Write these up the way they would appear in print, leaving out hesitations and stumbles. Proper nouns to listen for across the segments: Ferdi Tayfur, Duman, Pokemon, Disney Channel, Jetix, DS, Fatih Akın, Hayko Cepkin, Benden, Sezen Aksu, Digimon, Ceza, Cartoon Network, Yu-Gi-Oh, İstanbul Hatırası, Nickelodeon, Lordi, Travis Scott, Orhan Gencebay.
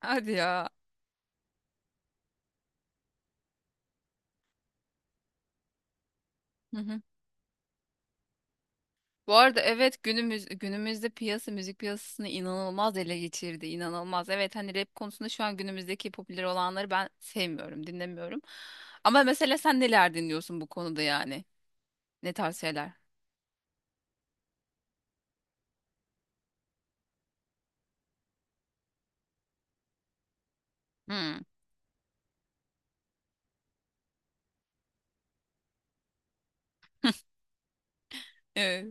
Hadi ya. Hı hı. Bu arada evet günümüzde müzik piyasasını inanılmaz ele geçirdi. İnanılmaz. Evet hani rap konusunda şu an günümüzdeki popüler olanları ben sevmiyorum, dinlemiyorum. Ama mesela sen neler dinliyorsun bu konuda yani? Ne tarz şeyler? Hmm. Evet.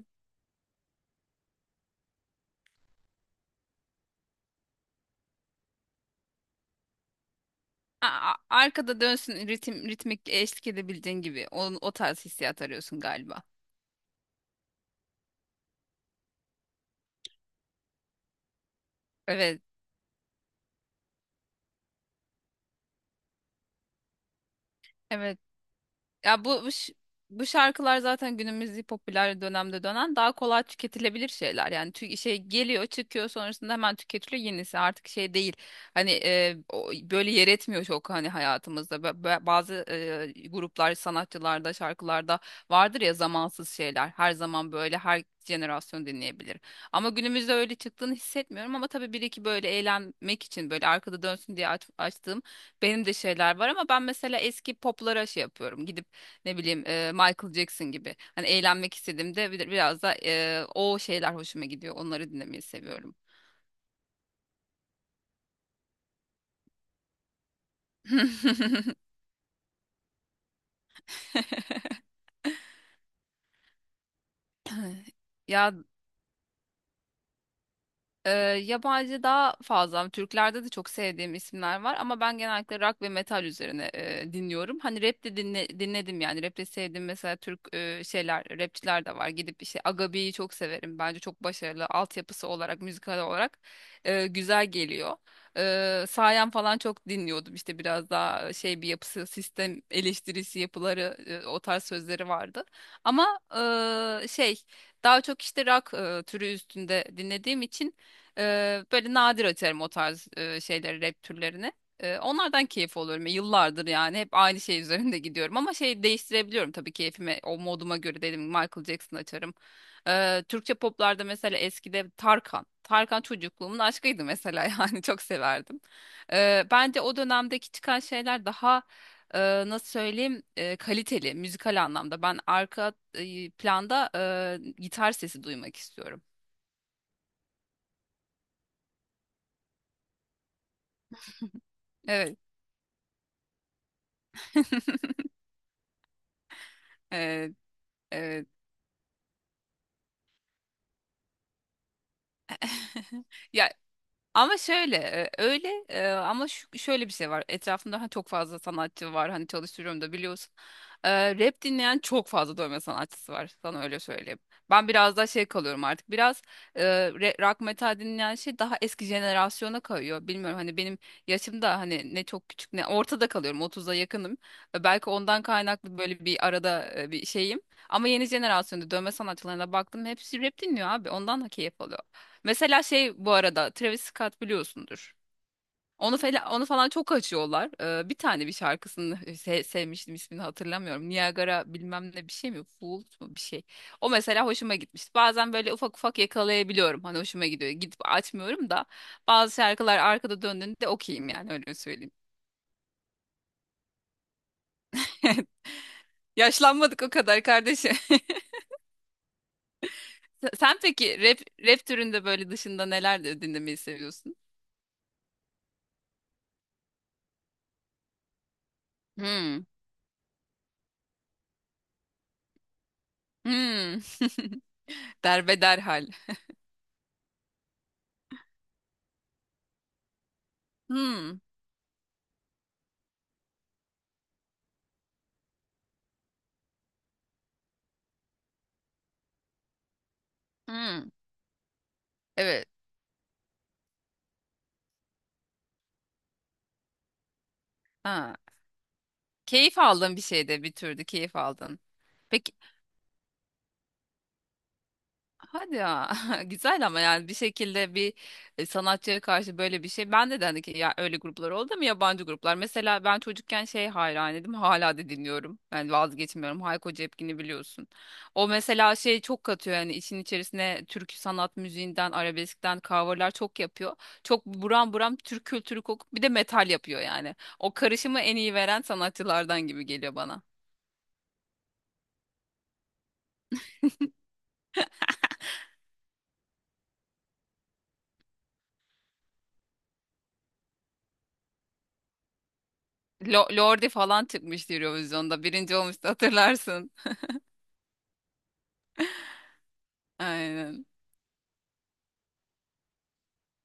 A- Arkada dönsün ritmik eşlik edebildiğin gibi. Onun o tarz hissiyat arıyorsun galiba. Evet. Evet. Ya bu şarkılar zaten günümüz popüler dönemde dönen daha kolay tüketilebilir şeyler. Yani geliyor, çıkıyor sonrasında hemen tüketiliyor yenisi. Artık şey değil. Hani böyle yer etmiyor çok hani hayatımızda. Bazı gruplar, sanatçılarda, şarkılarda vardır ya zamansız şeyler. Her zaman böyle her jenerasyon dinleyebilir. Ama günümüzde öyle çıktığını hissetmiyorum, ama tabii bir iki böyle eğlenmek için böyle arkada dönsün diye açtığım benim de şeyler var. Ama ben mesela eski poplara şey yapıyorum, gidip ne bileyim Michael Jackson gibi. Hani eğlenmek istediğimde biraz da o şeyler hoşuma gidiyor. Onları dinlemeyi seviyorum. Ya, Ee, yabancı daha fazla. Türklerde de çok sevdiğim isimler var, ama ben genellikle rock ve metal üzerine dinliyorum. Hani rap de dinledim yani. Rap de sevdiğim mesela Türk rapçiler de var. Gidip işte Agabi'yi çok severim. Bence çok başarılı. Altyapısı olarak, müzikal olarak güzel geliyor. Sayan falan çok dinliyordum. İşte biraz daha şey bir yapısı, sistem eleştirisi yapıları, o tarz sözleri vardı. Ama e, şey daha çok işte rock türü üstünde dinlediğim için böyle nadir açarım o tarz şeyleri, rap türlerini. Onlardan keyif alıyorum. Yıllardır yani hep aynı şey üzerinde gidiyorum. Ama şey değiştirebiliyorum tabii keyfime, o moduma göre dedim. Michael Jackson açarım. Türkçe poplarda mesela eskide Tarkan. Tarkan çocukluğumun aşkıydı mesela yani çok severdim. Bence o dönemdeki çıkan şeyler daha eee, nasıl söyleyeyim kaliteli müzikal anlamda. Ben arka planda gitar sesi duymak istiyorum. Evet. Evet. Evet. Ya, ama şöyle e, öyle e, ama şu, şöyle bir şey var. Etrafımda hani çok fazla sanatçı var. Hani çalıştırıyorum da biliyorsun. Rap dinleyen çok fazla dövme sanatçısı var. Sana öyle söyleyeyim. Ben biraz daha şey kalıyorum artık. Biraz rock metal dinleyen şey daha eski jenerasyona kayıyor. Bilmiyorum, hani benim yaşımda hani ne çok küçük ne ortada kalıyorum. 30'a yakınım. Belki ondan kaynaklı böyle bir arada bir şeyim. Ama yeni jenerasyonda dövme sanatçılarına baktım, hepsi rap dinliyor abi. Ondan da keyif alıyorum. Mesela şey bu arada Travis Scott biliyorsundur. Onu falan, onu falan çok açıyorlar. Bir tane bir şarkısını sevmiştim, ismini hatırlamıyorum. Niagara bilmem ne bir şey mi? Fool mu bir şey. O mesela hoşuma gitmişti. Bazen böyle ufak ufak yakalayabiliyorum. Hani hoşuma gidiyor. Gidip açmıyorum da bazı şarkılar arkada döndüğünde okeyim, yani öyle söyleyeyim. Yaşlanmadık o kadar kardeşim. Sen peki rap türünde böyle dışında neler de dinlemeyi seviyorsun? Hmm. Hmm. Derbeder hal. Hmm. Hmm, evet. Ha. Keyif aldın bir şeyde, bir türlü keyif aldın. Peki, hadi ya, güzel, ama yani bir şekilde bir sanatçıya karşı böyle bir şey. Ben de hani ki, ya öyle gruplar oldu mu, yabancı gruplar. Mesela ben çocukken şey hayranıydım, hala da dinliyorum. Yani vazgeçmiyorum, Hayko Cepkin'i biliyorsun. O mesela şey çok katıyor yani işin içerisine, türkü sanat müziğinden arabeskten coverlar çok yapıyor. Çok buram buram Türk kültürü kokup bir de metal yapıyor yani. O karışımı en iyi veren sanatçılardan gibi geliyor bana. Lordi falan çıkmıştı Eurovision'da. Birinci olmuştu, hatırlarsın. Aynen.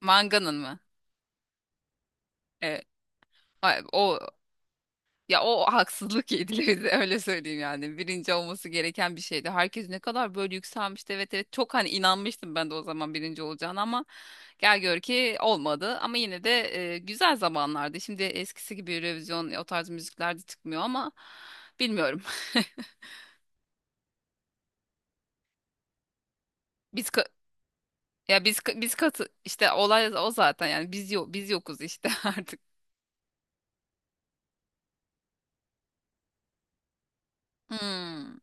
Manga'nın mı? Evet. Ay, o, ya o haksızlık yediler bize, öyle söyleyeyim yani. Birinci olması gereken bir şeydi. Herkes ne kadar böyle yükselmişti. Evet evet, çok hani inanmıştım ben de o zaman birinci olacağını, ama gel gör ki olmadı. Ama yine de güzel zamanlardı. Şimdi eskisi gibi Eurovision o tarz müzikler de çıkmıyor ama bilmiyorum. Biz ka- Ya biz katı işte, olay o zaten yani, biz yok, biz yokuz işte artık. Hmm,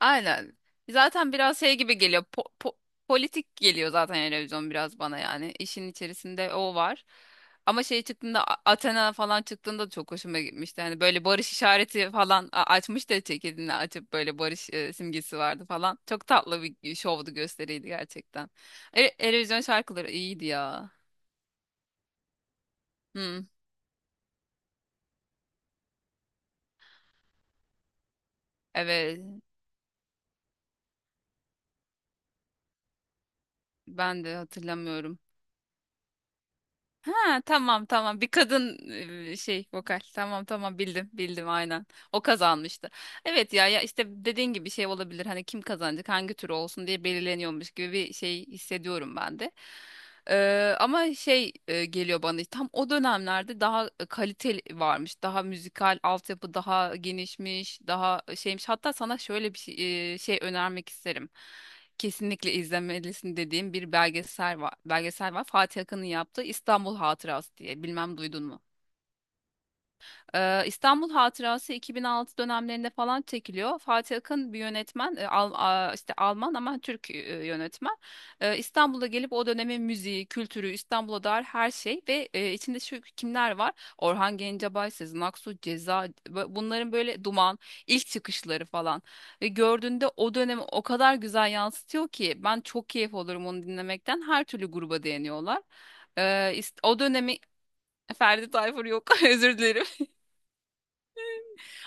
aynen. Zaten biraz şey gibi geliyor, politik geliyor zaten televizyon biraz bana yani. İşin içerisinde o var. Ama şey çıktığında Athena falan çıktığında da çok hoşuma gitmişti. Hani böyle barış işareti falan açmış da, ceketini açıp böyle barış simgesi vardı falan. Çok tatlı bir şovdu, gösteriydi gerçekten. Eurovision şarkıları iyiydi ya. Hmm, evet, ben de hatırlamıyorum. Ha tamam tamam, bir kadın vokal, tamam tamam, bildim bildim, aynen o kazanmıştı. Evet ya, ya işte dediğin gibi şey olabilir, hani kim kazanacak hangi tür olsun diye belirleniyormuş gibi bir şey hissediyorum ben de. Ama geliyor bana işte, tam o dönemlerde daha kaliteli varmış. Daha müzikal altyapı daha genişmiş, daha şeymiş. Hatta sana şöyle bir şey, şey önermek isterim. Kesinlikle izlemelisin dediğim bir belgesel var. Belgesel var. Fatih Akın'ın yaptığı İstanbul Hatırası diye. Bilmem duydun mu? İstanbul Hatırası 2006 dönemlerinde falan çekiliyor. Fatih Akın bir yönetmen, işte Alman ama Türk yönetmen. İstanbul'a gelip o dönemin müziği, kültürü, İstanbul'a dair her şey ve içinde şu kimler var? Orhan Gencebay, Sezen Aksu, Ceza, bunların böyle, Duman, ilk çıkışları falan. Ve gördüğünde o dönemi o kadar güzel yansıtıyor ki ben çok keyif olurum onu dinlemekten. Her türlü gruba değiniyorlar. Ee, ist- o dönemi Ferdi Tayfur yok, özür dilerim.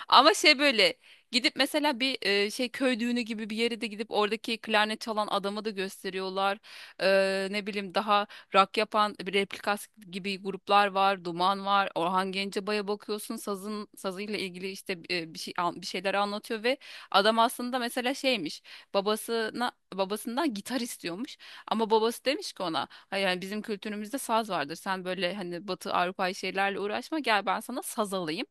Ama şey böyle gidip mesela bir köy düğünü gibi bir yere de gidip, oradaki klarnet çalan adamı da gösteriyorlar. Ne bileyim, daha rock yapan bir replikas gibi gruplar var, Duman var. Orhan Gencebay'a bakıyorsun, sazıyla ilgili işte bir şeyler anlatıyor ve adam aslında mesela şeymiş. Babasından gitar istiyormuş ama babası demiş ki ona, "Hayır, yani bizim kültürümüzde saz vardır. Sen böyle hani Batı Avrupa şeylerle uğraşma. Gel ben sana saz alayım.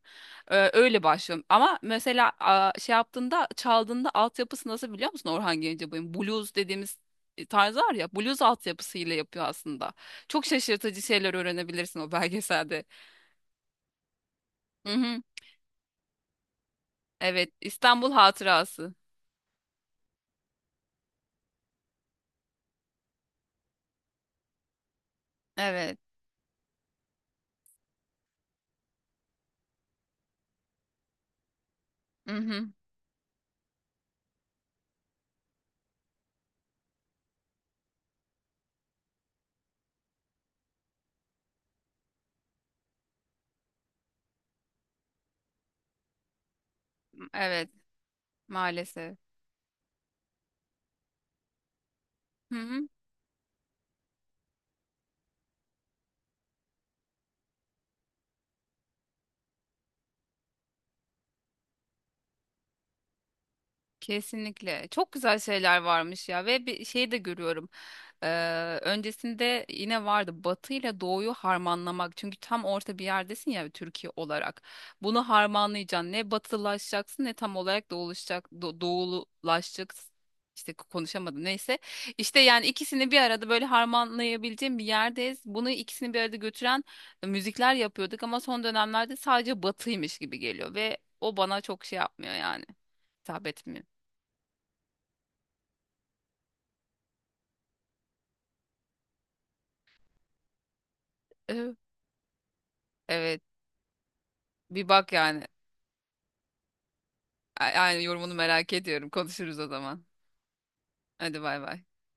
Öyle başlıyorum. Ama mesela a, şey yaptığında çaldığında altyapısı nasıl, biliyor musun Orhan Gencebay'ın? Blues dediğimiz tarz var ya, blues altyapısıyla yapıyor aslında. Çok şaşırtıcı şeyler öğrenebilirsin o belgeselde. Hı hı. Evet, İstanbul Hatırası. Evet. Hı hı. Evet, maalesef. Hı hı. Kesinlikle. Çok güzel şeyler varmış ya, ve bir şey de görüyorum. Öncesinde yine vardı Batı ile Doğu'yu harmanlamak. Çünkü tam orta bir yerdesin ya, Türkiye olarak. Bunu harmanlayacaksın. Ne batılaşacaksın ne tam olarak doğulaşacak, doğululaşacaksın. İşte konuşamadım. Neyse. İşte yani ikisini bir arada böyle harmanlayabileceğim bir yerdeyiz. Bunu ikisini bir arada götüren müzikler yapıyorduk, ama son dönemlerde sadece batıymış gibi geliyor ve o bana çok şey yapmıyor yani hitap etmiyor. Evet. Evet. Bir bak yani. Aynı yorumunu merak ediyorum. Konuşuruz o zaman. Hadi bay bay.